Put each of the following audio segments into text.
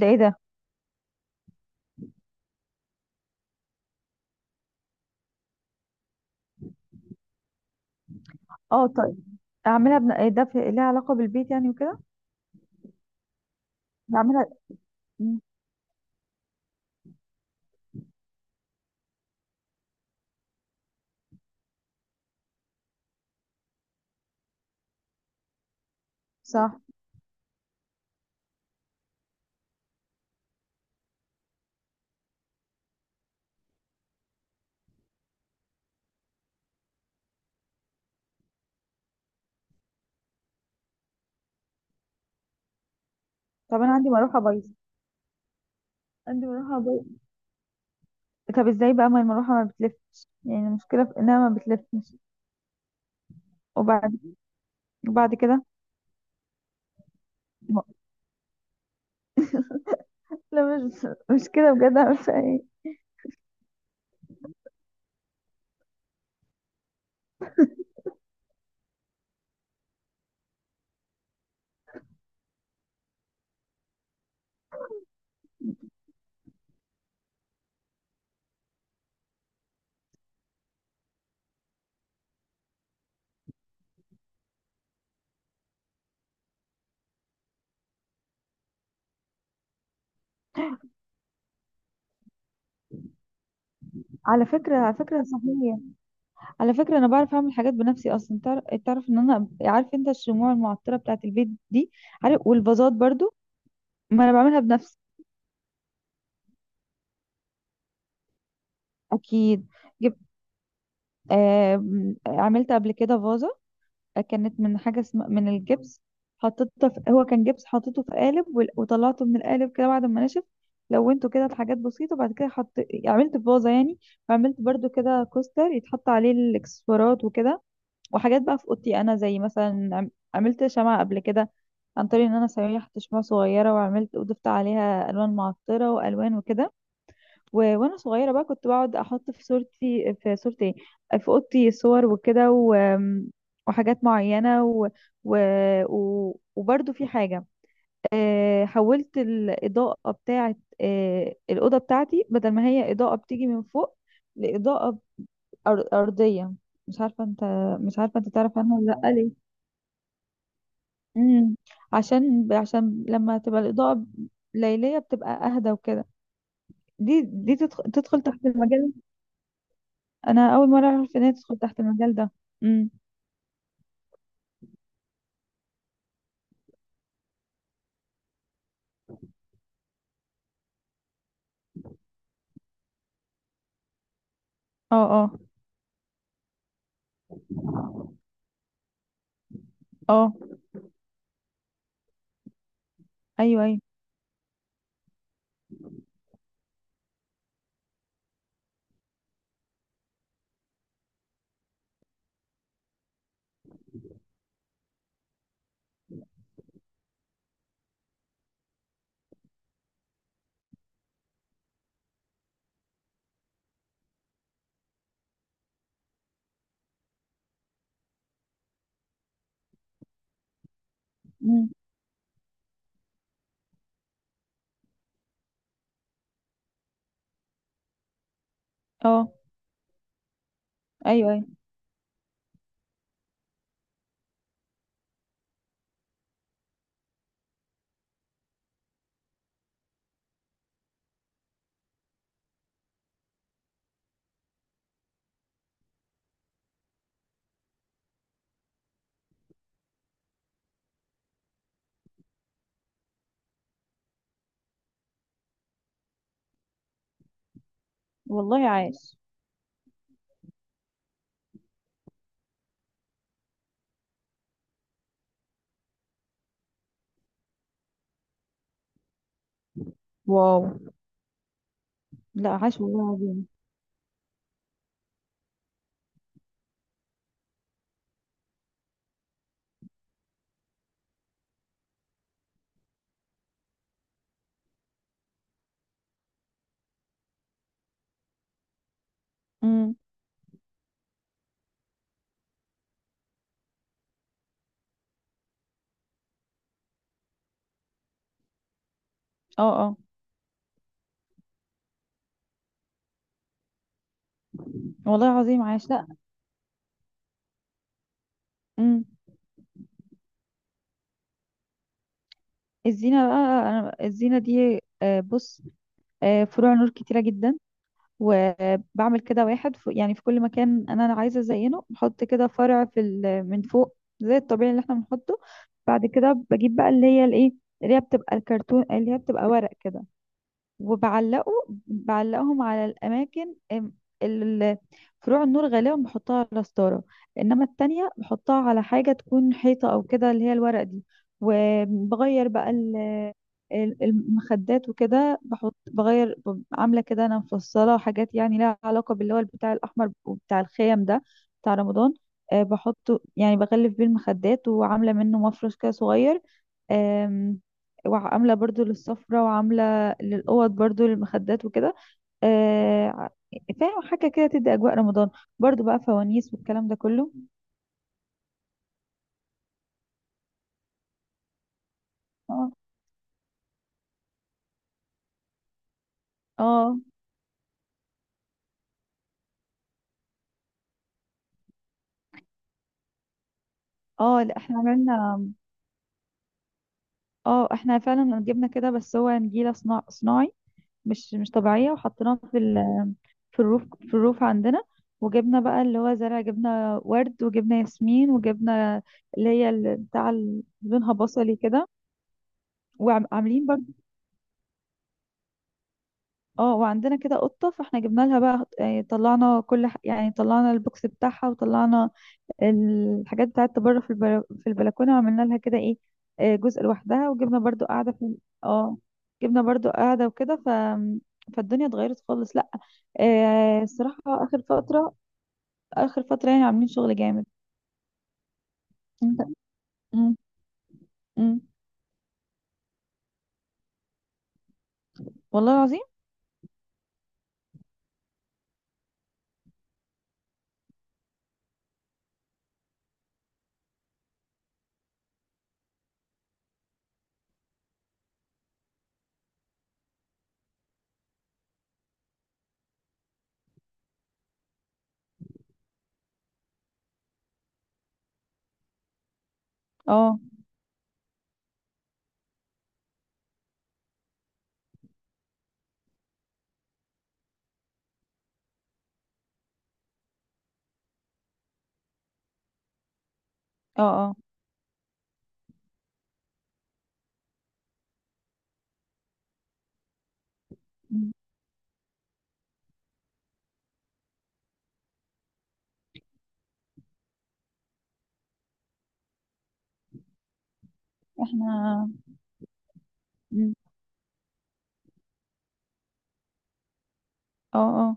ده ايه ده؟ اه طيب. إيه ده؟ ليها علاقة بالبيت يعني وكده؟ بعملها. مم. صح. طب انا عندي مروحة بايظة. عندي مروحة بايظة. طب ازاي بقى؟ ما المروحة ما بتلفش، يعني المشكلة في انها ما بتلفش. وبعد وبعد كده. ما- لا، مش كده، بجد أعمل فيها ايه؟ على فكرة صحيح. على فكرة انا بعرف اعمل حاجات بنفسي اصلا، تعرف ان انا؟ عارف انت الشموع المعطرة بتاعة البيت دي؟ عارف؟ والفازات برضو. ما انا بعملها بنفسي. اكيد. جبت. آه... عملت قبل كده فازة، كانت من حاجة اسمها من الجبس. حطيتها في هو كان جبس حطيته في قالب، وطلعته من القالب كده بعد ما نشف. لونته كده لحاجات بسيطة، وبعد كده حط، عملت فازة يعني. وعملت برضو كده كوستر يتحط عليه الاكسسوارات وكده. وحاجات بقى في اوضتي انا، زي مثلا عملت شمعة قبل كده، عن طريق ان انا سيحت شمعة صغيرة وعملت وضفت عليها الوان معطرة والوان وكده. وانا صغيره بقى كنت بقعد احط في صورتي، في صورتي إيه؟ في اوضتي صور وكده. و... آمم، وحاجات معينه. و... وبرده في حاجه. حولت الاضاءه بتاعه الاوضه بتاعتي، بدل ما هي اضاءه بتيجي من فوق، لاضاءه ارضيه. مش عارفه انت مش عارفه انت تعرف عنها ولا لا، ليه؟ امم عشان لما تبقى الاضاءه ليليه بتبقى اهدى وكده. دي تدخل تحت المجال. انا اول مره اعرف ان هي تدخل تحت المجال ده. امم. اه، اه، اه. ايوه، ايوه. امم. اه. ايوه، ايوه. والله عاش. واو. لا، عاش والله عظيم. امم. اه، اه. والله عظيم، عاش. لا. امم. الزينه بقى، انا الزينه دي بص. فروع نور كتيره جدا، وبعمل كده واحد، في كل مكان انا عايزه ازينه. بحط كده فرع من فوق زي الطبيعي اللي احنا بنحطه. بعد كده بجيب بقى اللي هي الايه، اللي هي بتبقى الكرتون، اللي هي بتبقى ورق كده، وبعلقه. بعلقهم على الأماكن. ال- فروع النور غالبا بحطها على ستارة، إنما التانية بحطها على حاجة تكون حيطة أو كده، اللي هي الورق دي. وبغير بقى المخدات وكده، بحط بغير عاملة كده. أنا مفصلة حاجات يعني لها علاقة باللي هو البتاع الأحمر وبتاع الخيم ده، بتاع رمضان. بحطه يعني بغلف بيه المخدات، وعاملة منه مفرش كده صغير. آم، وعاملة برضو للسفرة وعاملة للأوض برضو للمخدات وكده. آه ع- فاهم؟ حاجة كده تدي أجواء رمضان، برضو بقى فوانيس والكلام ده كله. اه، اه، اه. لا، احنا عملنا. اه، احنا فعلا جبنا كده، بس هو نجيلة صناعي، مش طبيعية، وحطيناها في الروف عندنا. وجبنا بقى اللي هو زرع، جبنا ورد وجبنا ياسمين وجبنا اللي هي بتاع لونها بصلي كده. وعاملين، اه. وعندنا كده قطة، فاحنا جبنا لها بقى طلعنا يعني طلعنا البوكس بتاعها، وطلعنا الحاجات بتاعتها بره في البلكونة، وعملنا لها كده ايه، جزء لوحدها. وجبنا برضو قاعدة في. اه. جبنا برضو قاعدة وكده. فالدنيا اتغيرت خالص. لا. الصراحة آخر فترة، آخر فترة يعني عاملين شغل جامد. انت. مم. مم. والله العظيم. اه، اه، اه. مم. احنا. مم. اه، اه،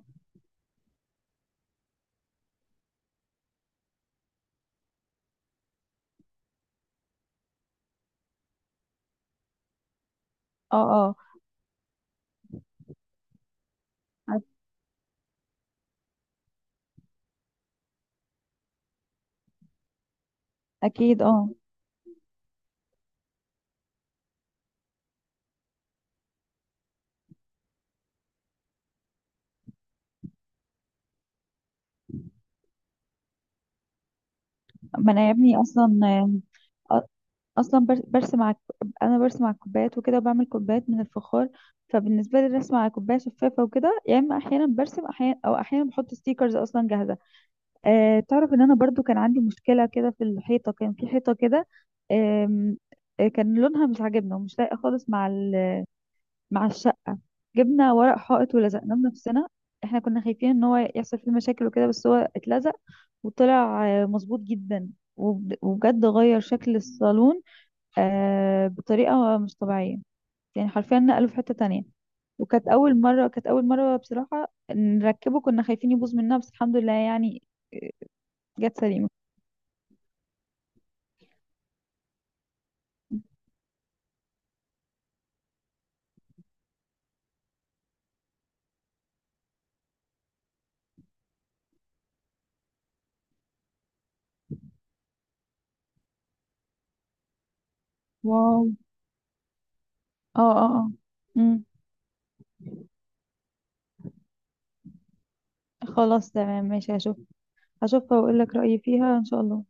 اه، اه. اكيد، اه. ما انا يا ابني اصلا. اصلا برسم على، انا برسم على الكوبايات وكده، وبعمل كوبايات من الفخار. فبالنسبه لي الرسم على كوبايه شفافه وكده، يا اما احيانا برسم، احيانا او احيانا بحط ستيكرز اصلا جاهزه. تعرف ان انا برضو كان عندي مشكله كده في الحيطه، كان في حيطه كده. آم، كان لونها مش عاجبنا ومش لايقه خالص مع الشقه. جبنا ورق حائط ولزقناه بنفسنا. احنا كنا خايفين ان هو يحصل فيه مشاكل وكده، بس هو اتلزق وطلع مظبوط جدا، وبجد غير شكل الصالون، بطريقة مش طبيعية. يعني حرفيا نقله في حتة تانية. وكانت أول مرة بصراحة نركبه، كنا خايفين يبوظ مننا، بس الحمد لله يعني جت سليمة. واو. اه، اه، اه. مم. خلاص، تمام، ماشي، هشوف. هشوفها وأقول لك رأيي فيها إن شاء الله.